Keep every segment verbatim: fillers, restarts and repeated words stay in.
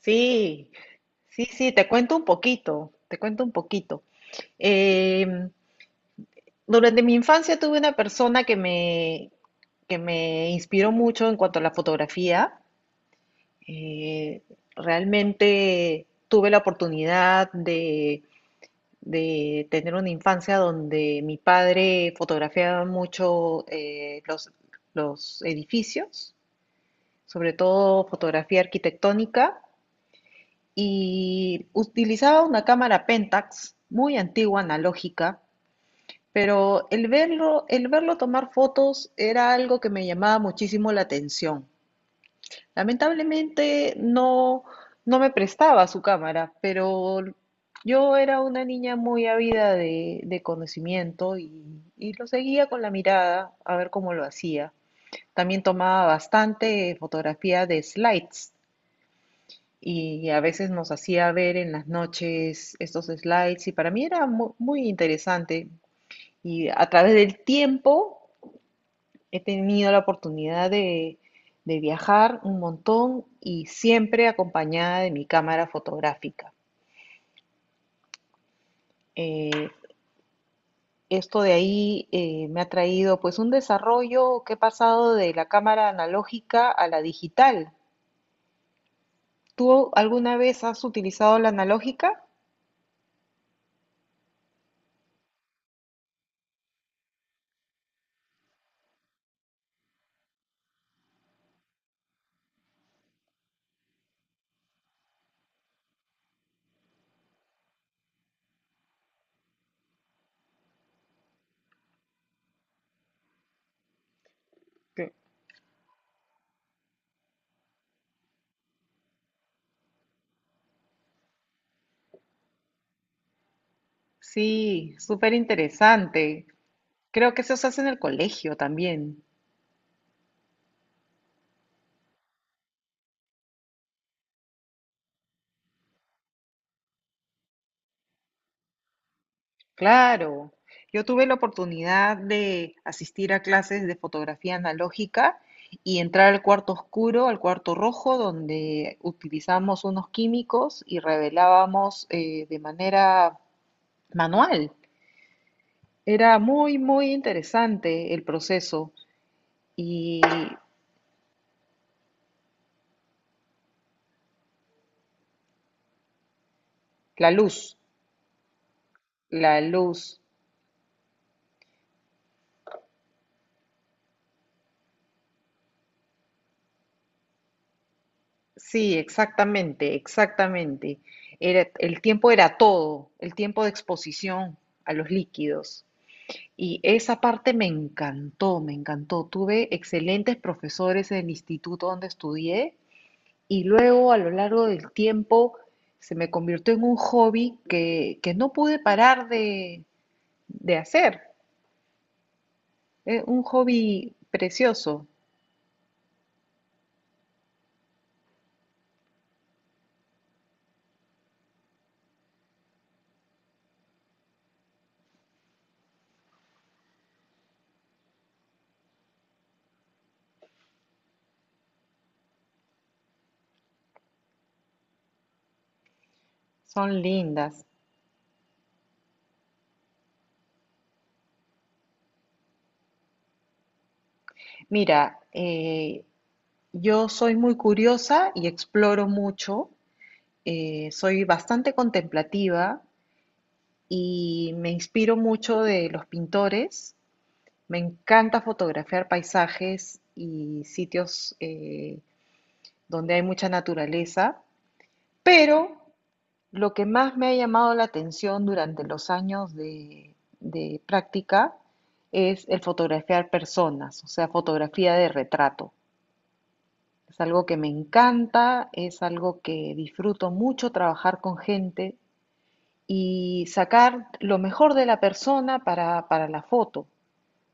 Sí, sí, sí, te cuento un poquito, te cuento un poquito. Em, Durante mi infancia tuve una persona que me, que me inspiró mucho en cuanto a la fotografía. Eh, Realmente tuve la oportunidad de, de tener una infancia donde mi padre fotografiaba mucho eh, los, los edificios, sobre todo fotografía arquitectónica. Y utilizaba una cámara Pentax muy antigua, analógica, pero el verlo, el verlo tomar fotos era algo que me llamaba muchísimo la atención. Lamentablemente no, no me prestaba su cámara, pero yo era una niña muy ávida de, de conocimiento y, y lo seguía con la mirada a ver cómo lo hacía. También tomaba bastante fotografía de slides y a veces nos hacía ver en las noches estos slides y para mí era mu- muy interesante. Y a través del tiempo he tenido la oportunidad de, de viajar un montón y siempre acompañada de mi cámara fotográfica. Eh, Esto de ahí eh, me ha traído pues un desarrollo que he pasado de la cámara analógica a la digital. ¿Tú alguna vez has utilizado la analógica? Que- Sí, súper interesante. Creo que eso se hace en el colegio también. Claro. Yo tuve la oportunidad de asistir a clases de fotografía analógica y entrar al cuarto oscuro, al cuarto rojo, donde utilizamos unos químicos y revelábamos eh, de manera manual. Era muy, muy interesante el proceso y la luz, la luz. Sí, exactamente, exactamente. Era, el tiempo era todo, el tiempo de exposición a los líquidos. Y esa parte me encantó, me encantó. Tuve excelentes profesores en el instituto donde estudié y luego a lo largo del tiempo se me convirtió en un hobby que, que no pude parar de, de hacer. Es un hobby precioso, son lindas. Mira, eh, yo soy muy curiosa y exploro mucho, eh, soy bastante contemplativa y me inspiro mucho de los pintores. Me encanta fotografiar paisajes y sitios eh, donde hay mucha naturaleza, pero lo que más me ha llamado la atención durante los años de, de práctica es el fotografiar personas, o sea, fotografía de retrato. Es algo que me encanta, es algo que disfruto mucho trabajar con gente y sacar lo mejor de la persona para, para la foto.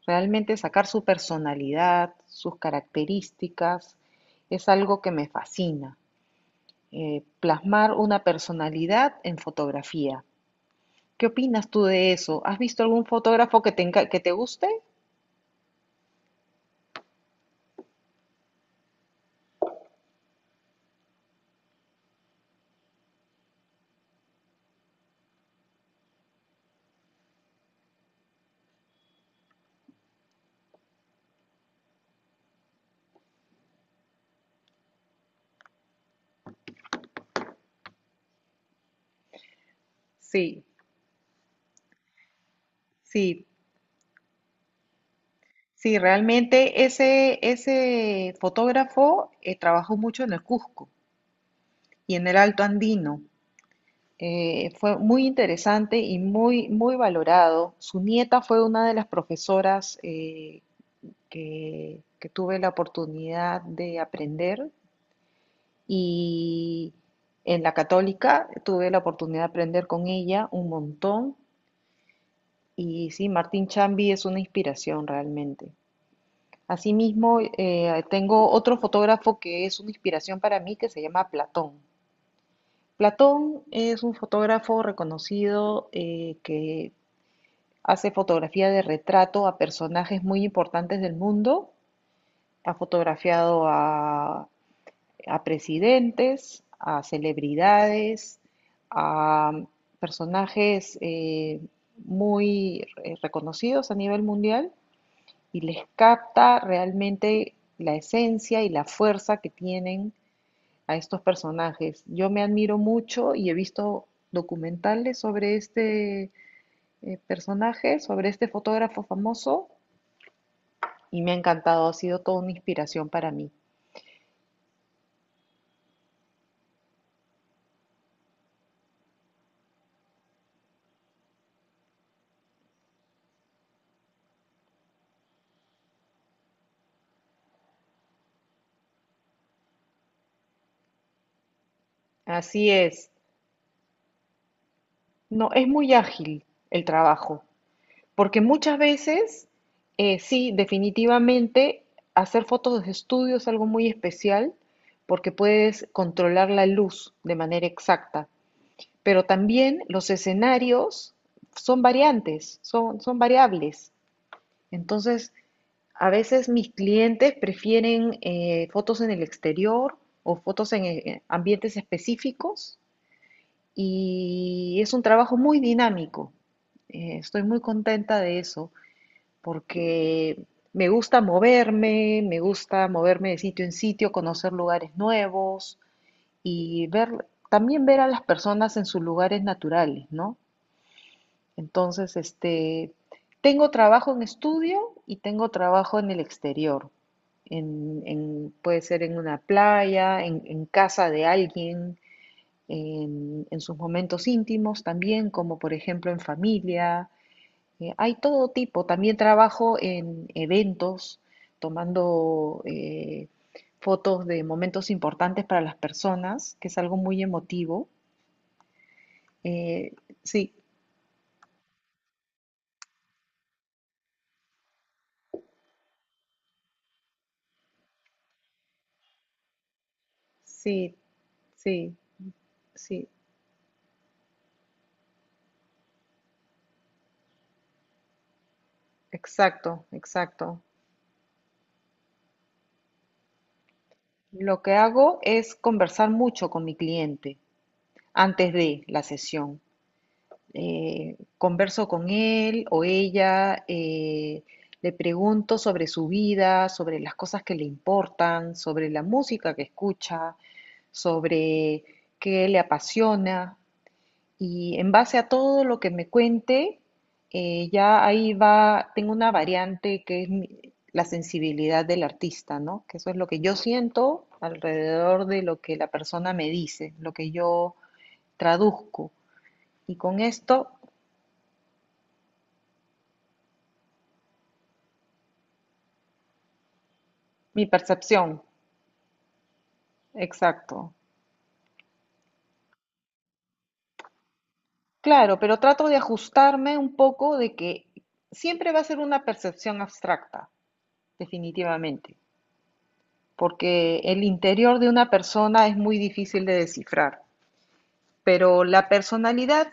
Realmente sacar su personalidad, sus características, es algo que me fascina. Eh, plasmar una personalidad en fotografía. ¿Qué opinas tú de eso? ¿Has visto algún fotógrafo que te, que te guste? Sí, sí. Sí, realmente ese, ese fotógrafo eh, trabajó mucho en el Cusco y en el Alto Andino. Eh, fue muy interesante y muy, muy valorado. Su nieta fue una de las profesoras eh, que, que tuve la oportunidad de aprender y en la Católica tuve la oportunidad de aprender con ella un montón. Y sí, Martín Chambi es una inspiración realmente. Asimismo, eh, tengo otro fotógrafo que es una inspiración para mí que se llama Platón. Platón es un fotógrafo reconocido eh, que hace fotografía de retrato a personajes muy importantes del mundo. Ha fotografiado a, a presidentes, a celebridades, a personajes eh, muy eh, reconocidos a nivel mundial y les capta realmente la esencia y la fuerza que tienen a estos personajes. Yo me admiro mucho y he visto documentales sobre este eh, personaje, sobre este fotógrafo famoso y me ha encantado, ha sido toda una inspiración para mí. Así es, no, es muy ágil el trabajo. Porque muchas veces, eh, sí, definitivamente hacer fotos de estudio es algo muy especial porque puedes controlar la luz de manera exacta, pero también los escenarios son variantes, son, son variables. Entonces, a veces mis clientes prefieren eh, fotos en el exterior o fotos en eh, ambientes específicos y es un trabajo muy dinámico. Eh, estoy muy contenta de eso porque me gusta moverme, me gusta moverme de sitio en sitio, conocer lugares nuevos y ver, también ver a las personas en sus lugares naturales, ¿no? Entonces, este, tengo trabajo en estudio y tengo trabajo en el exterior. En, en- puede ser en una playa, en, en casa de alguien, en, en sus momentos íntimos también, como por ejemplo en familia, eh, hay todo tipo. También trabajo en eventos, tomando eh, fotos de momentos importantes para las personas, que es algo muy emotivo. Eh, sí, sí, sí, sí, exacto, exacto. Lo que hago es conversar mucho con mi cliente antes de la sesión. Eh, converso con él o ella, eh, le pregunto sobre su vida, sobre las cosas que le importan, sobre la música que escucha, sobre qué le apasiona y en base a todo lo que me cuente, eh, ya ahí va, tengo una variante que es mi- la sensibilidad del artista, ¿no? Que eso es lo que yo siento alrededor de lo que la persona me dice, lo que yo traduzco. Y con esto mi percepción, exacto. Claro, pero trato de ajustarme un poco de que siempre va a ser una percepción abstracta, definitivamente, porque el interior de una persona es muy difícil de descifrar, pero la personalidad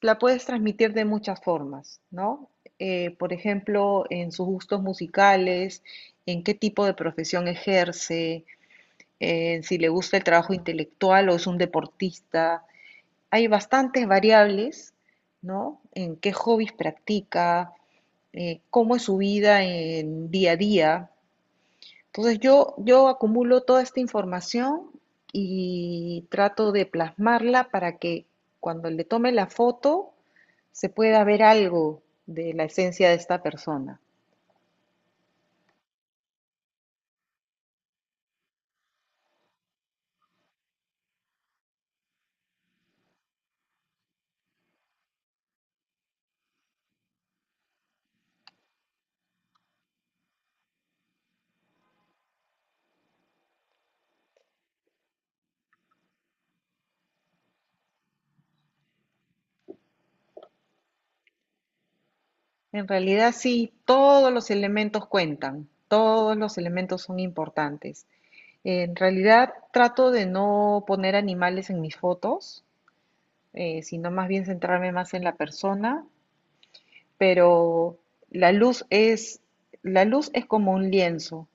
la puedes transmitir de muchas formas, ¿no? Eh, por ejemplo, en sus gustos musicales, en qué tipo de profesión ejerce, en si le gusta el trabajo intelectual o es un deportista, hay bastantes variables, ¿no? En qué hobbies practica, eh, cómo es su vida en día a día. Entonces yo, yo acumulo toda esta información y trato de plasmarla para que cuando le tome la foto se pueda ver algo de la esencia de esta persona. En realidad sí, todos los elementos cuentan, todos los elementos son importantes. En realidad trato de no poner animales en mis fotos, eh, sino más bien centrarme más en la persona, pero la luz es, la luz es como un lienzo,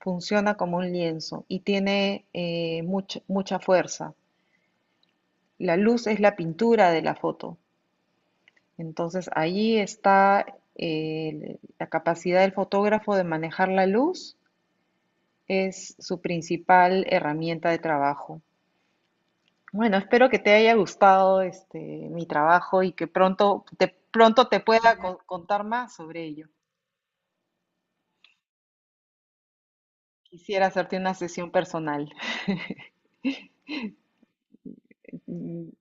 funciona como un lienzo y tiene eh, mucha, mucha fuerza. La luz es la pintura de la foto, entonces ahí está eh, la capacidad del fotógrafo de manejar la luz, es su principal herramienta de trabajo. Bueno, espero que te haya gustado este mi trabajo y que pronto te, pronto te pueda co- contar más sobre ello. Quisiera hacerte una sesión personal.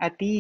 A ti.